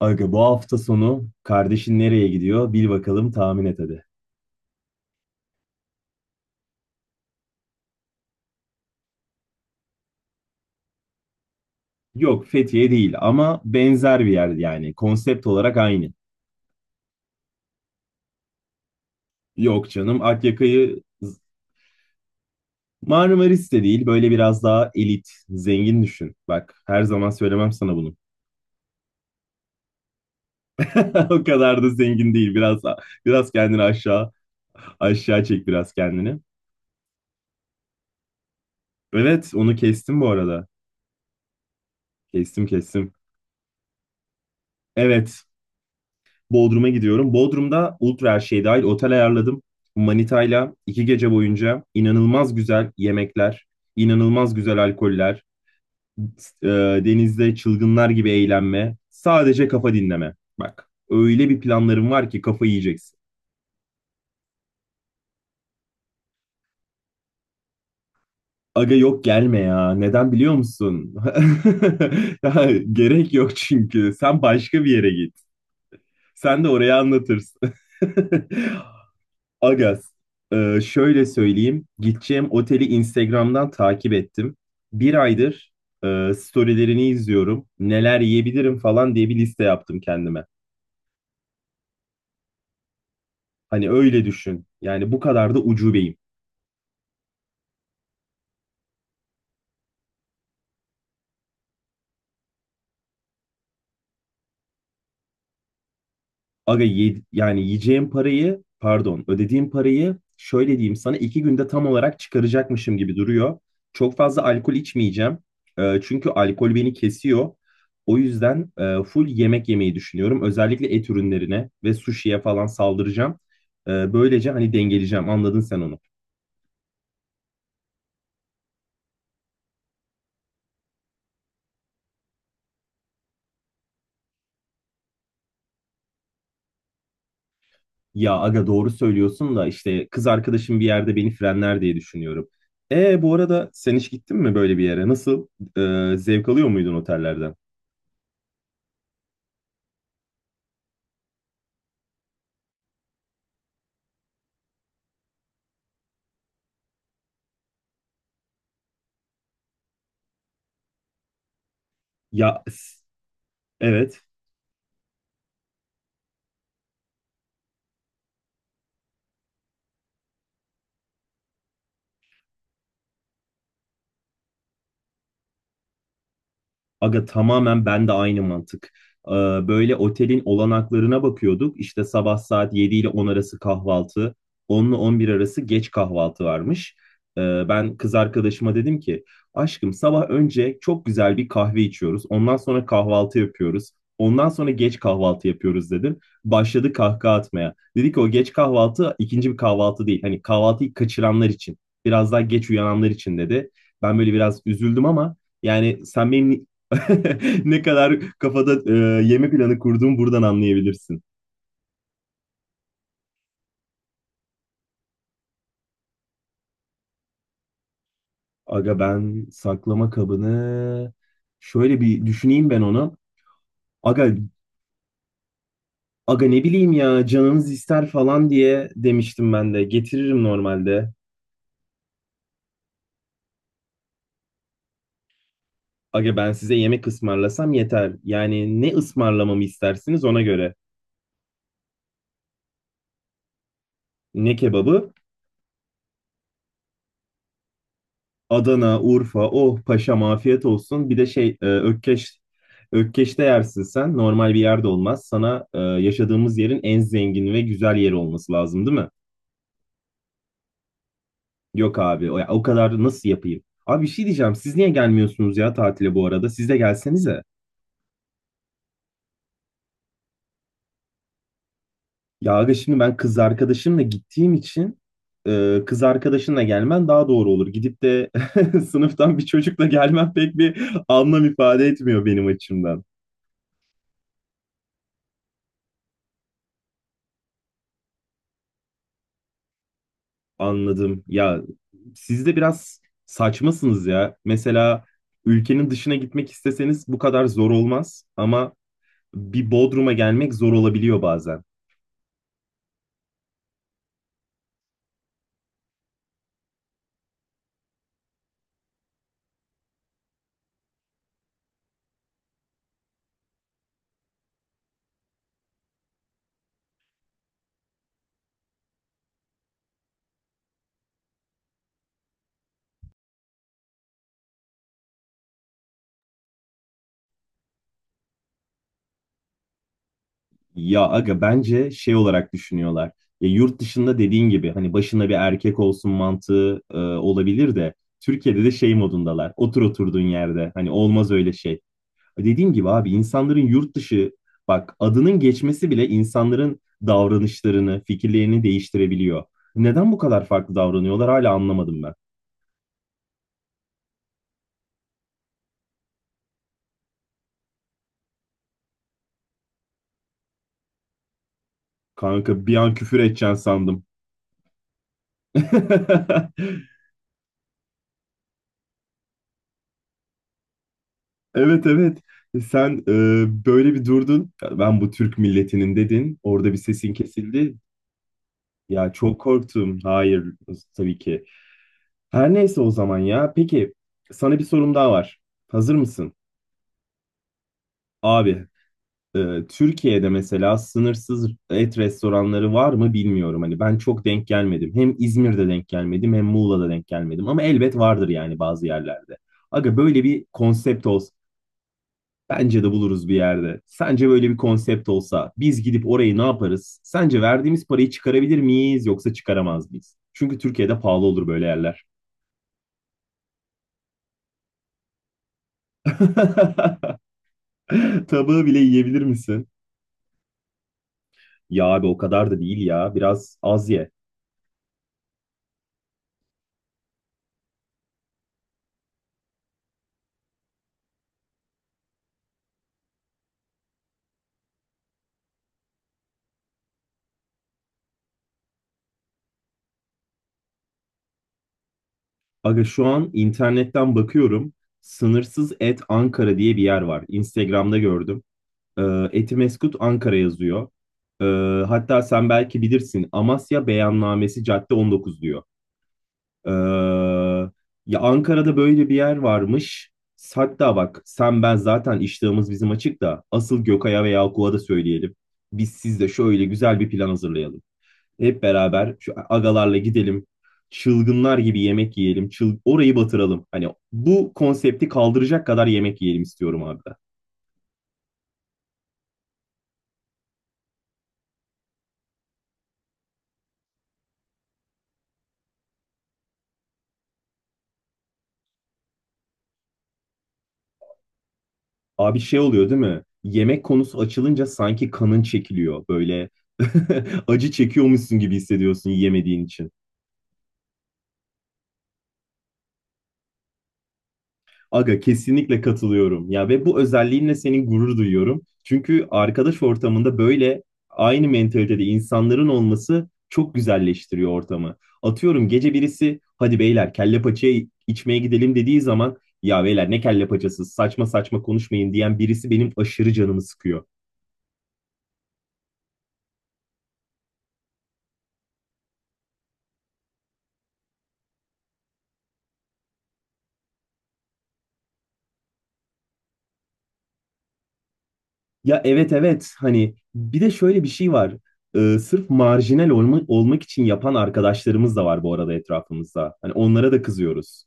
Aga bu hafta sonu kardeşin nereye gidiyor? Bil bakalım tahmin et hadi. Yok Fethiye değil ama benzer bir yer yani. Konsept olarak aynı. Yok canım Akyaka'yı Marmaris de değil. Böyle biraz daha elit, zengin düşün. Bak her zaman söylemem sana bunu. O kadar da zengin değil. Biraz kendini aşağı çek biraz kendini. Evet onu kestim bu arada. Kestim kestim. Evet, Bodrum'a gidiyorum. Bodrum'da ultra her şey dahil otel ayarladım. Manita'yla iki gece boyunca inanılmaz güzel yemekler, inanılmaz güzel alkoller, e, denizde çılgınlar gibi eğlenme, sadece kafa dinleme. Bak, öyle bir planlarım var ki kafa yiyeceksin. Aga yok gelme ya. Neden biliyor musun? Ya, gerek yok çünkü. Sen başka bir yere git. Sen de oraya anlatırsın. Agaz, şöyle söyleyeyim. Gideceğim oteli Instagram'dan takip ettim. Bir aydır storylerini izliyorum. Neler yiyebilirim falan diye bir liste yaptım kendime. Hani öyle düşün. Yani bu kadar da ucubeyim. Aga yani yiyeceğim parayı pardon ödediğim parayı şöyle diyeyim sana iki günde tam olarak çıkaracakmışım gibi duruyor. Çok fazla alkol içmeyeceğim. Çünkü alkol beni kesiyor. O yüzden full yemek yemeyi düşünüyorum. Özellikle et ürünlerine ve sushi'ye falan saldıracağım. Böylece hani dengeleyeceğim anladın sen onu. Ya aga doğru söylüyorsun da işte kız arkadaşım bir yerde beni frenler diye düşünüyorum. E bu arada sen hiç gittin mi böyle bir yere? Nasıl? Zevk alıyor muydun otellerden? Ya evet. Aga tamamen ben de aynı mantık. Ee, Böyle otelin olanaklarına bakıyorduk. İşte sabah saat 7 ile 10 arası kahvaltı, 10 ile 11 arası geç kahvaltı varmış. Ben kız arkadaşıma dedim ki, aşkım sabah önce çok güzel bir kahve içiyoruz. Ondan sonra kahvaltı yapıyoruz. Ondan sonra geç kahvaltı yapıyoruz dedim. Başladı kahkaha atmaya. Dedi ki o geç kahvaltı ikinci bir kahvaltı değil. Hani kahvaltıyı kaçıranlar için, biraz daha geç uyananlar için dedi. Ben böyle biraz üzüldüm ama yani sen benim ne kadar kafada yeme planı kurduğumu buradan anlayabilirsin. Aga ben saklama kabını şöyle bir düşüneyim ben onu. Aga aga ne bileyim ya canınız ister falan diye demiştim ben de. Getiririm normalde. Aga ben size yemek ısmarlasam yeter. Yani ne ısmarlamamı istersiniz ona göre. Ne kebabı? Adana, Urfa, oh paşam afiyet olsun. Bir de şey Ökkeş, Ökkeş'te yersin sen. Normal bir yerde olmaz. Sana yaşadığımız yerin en zengin ve güzel yeri olması lazım değil mi? Yok abi o, ya, o kadar nasıl yapayım? Abi bir şey diyeceğim. Siz niye gelmiyorsunuz ya tatile bu arada? Siz de gelsenize. Ya aga şimdi ben kız arkadaşımla gittiğim için kız arkadaşınla gelmen daha doğru olur. Gidip de sınıftan bir çocukla gelmen pek bir anlam ifade etmiyor benim açımdan. Anladım. Ya siz de biraz saçmasınız ya. Mesela ülkenin dışına gitmek isteseniz bu kadar zor olmaz ama bir Bodrum'a gelmek zor olabiliyor bazen. Ya aga bence şey olarak düşünüyorlar. Ya yurt dışında dediğin gibi hani başında bir erkek olsun mantığı olabilir de Türkiye'de de şey modundalar. Otur oturduğun yerde. Hani olmaz öyle şey. Dediğim gibi abi insanların yurt dışı, bak adının geçmesi bile insanların davranışlarını, fikirlerini değiştirebiliyor. Neden bu kadar farklı davranıyorlar hala anlamadım ben. Kanka bir an küfür edeceksin sandım. Evet, evet. Sen böyle bir durdun. Ya ben bu Türk milletinin dedin. Orada bir sesin kesildi. Ya çok korktum. Hayır, tabii ki. Her neyse o zaman ya. Peki, sana bir sorum daha var. Hazır mısın? Abi Türkiye'de mesela sınırsız et restoranları var mı bilmiyorum. Hani ben çok denk gelmedim. Hem İzmir'de denk gelmedim hem Muğla'da denk gelmedim. Ama elbet vardır yani bazı yerlerde. Aga böyle bir konsept olsa bence de buluruz bir yerde. Sence böyle bir konsept olsa biz gidip orayı ne yaparız? Sence verdiğimiz parayı çıkarabilir miyiz yoksa çıkaramaz mıyız? Çünkü Türkiye'de pahalı olur böyle yerler. Tabağı bile yiyebilir misin? Ya abi o kadar da değil ya. Biraz az ye. Aga şu an internetten bakıyorum. Sınırsız et Ankara diye bir yer var. Instagram'da gördüm. Ee, Etimesgut Ankara yazıyor. Ee, Hatta sen belki bilirsin. Amasya Beyannamesi Cadde 19 diyor. Ee, Ya Ankara'da böyle bir yer varmış. Hatta bak sen ben zaten iştahımız bizim açık da asıl Gökay'a ve Yakup'a da söyleyelim. Biz sizde şöyle güzel bir plan hazırlayalım. Hep beraber şu agalarla gidelim. Çılgınlar gibi yemek yiyelim. Orayı batıralım. Hani bu konsepti kaldıracak kadar yemek yiyelim istiyorum abi. Ben. Abi şey oluyor değil mi? Yemek konusu açılınca sanki kanın çekiliyor. Böyle acı çekiyormuşsun gibi hissediyorsun yemediğin için. Aga kesinlikle katılıyorum. Ya ve bu özelliğinle senin gurur duyuyorum. Çünkü arkadaş ortamında böyle aynı mentalitede insanların olması çok güzelleştiriyor ortamı. Atıyorum gece birisi hadi beyler kelle paçayı içmeye gidelim dediği zaman ya beyler ne kelle paçası saçma saçma konuşmayın diyen birisi benim aşırı canımı sıkıyor. Ya evet, evet, hani bir de şöyle bir şey var. Sırf marjinal olmak için yapan arkadaşlarımız da var bu arada etrafımızda. Hani onlara da kızıyoruz.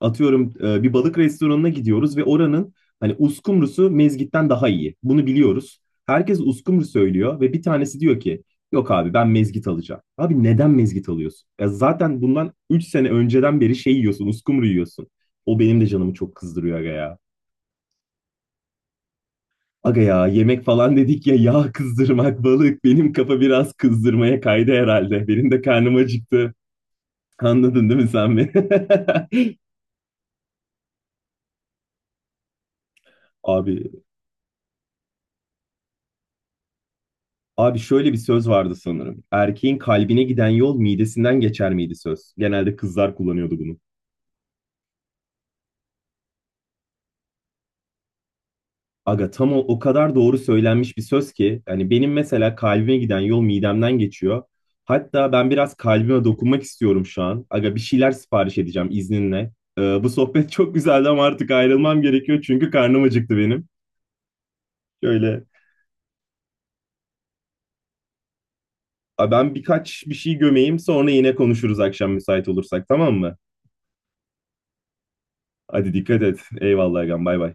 Atıyorum bir balık restoranına gidiyoruz ve oranın hani uskumrusu mezgitten daha iyi. Bunu biliyoruz. Herkes uskumru söylüyor ve bir tanesi diyor ki yok abi ben mezgit alacağım. Abi neden mezgit alıyorsun? Ya zaten bundan 3 sene önceden beri şey yiyorsun, uskumru yiyorsun. O benim de canımı çok kızdırıyor aga ya. Aga ya yemek falan dedik ya yağ kızdırmak balık benim kafa biraz kızdırmaya kaydı herhalde. Benim de karnım acıktı. Anladın değil mi sen beni? Abi abi şöyle bir söz vardı sanırım. Erkeğin kalbine giden yol midesinden geçer miydi söz? Genelde kızlar kullanıyordu bunu. Aga tam o, o kadar doğru söylenmiş bir söz ki hani benim mesela kalbime giden yol midemden geçiyor. Hatta ben biraz kalbime dokunmak istiyorum şu an. Aga bir şeyler sipariş edeceğim izninle. Bu sohbet çok güzeldi ama artık ayrılmam gerekiyor çünkü karnım acıktı benim. Şöyle ben birkaç bir şey gömeyim sonra yine konuşuruz akşam müsait olursak tamam mı? Hadi dikkat et. Eyvallah agam bay bay.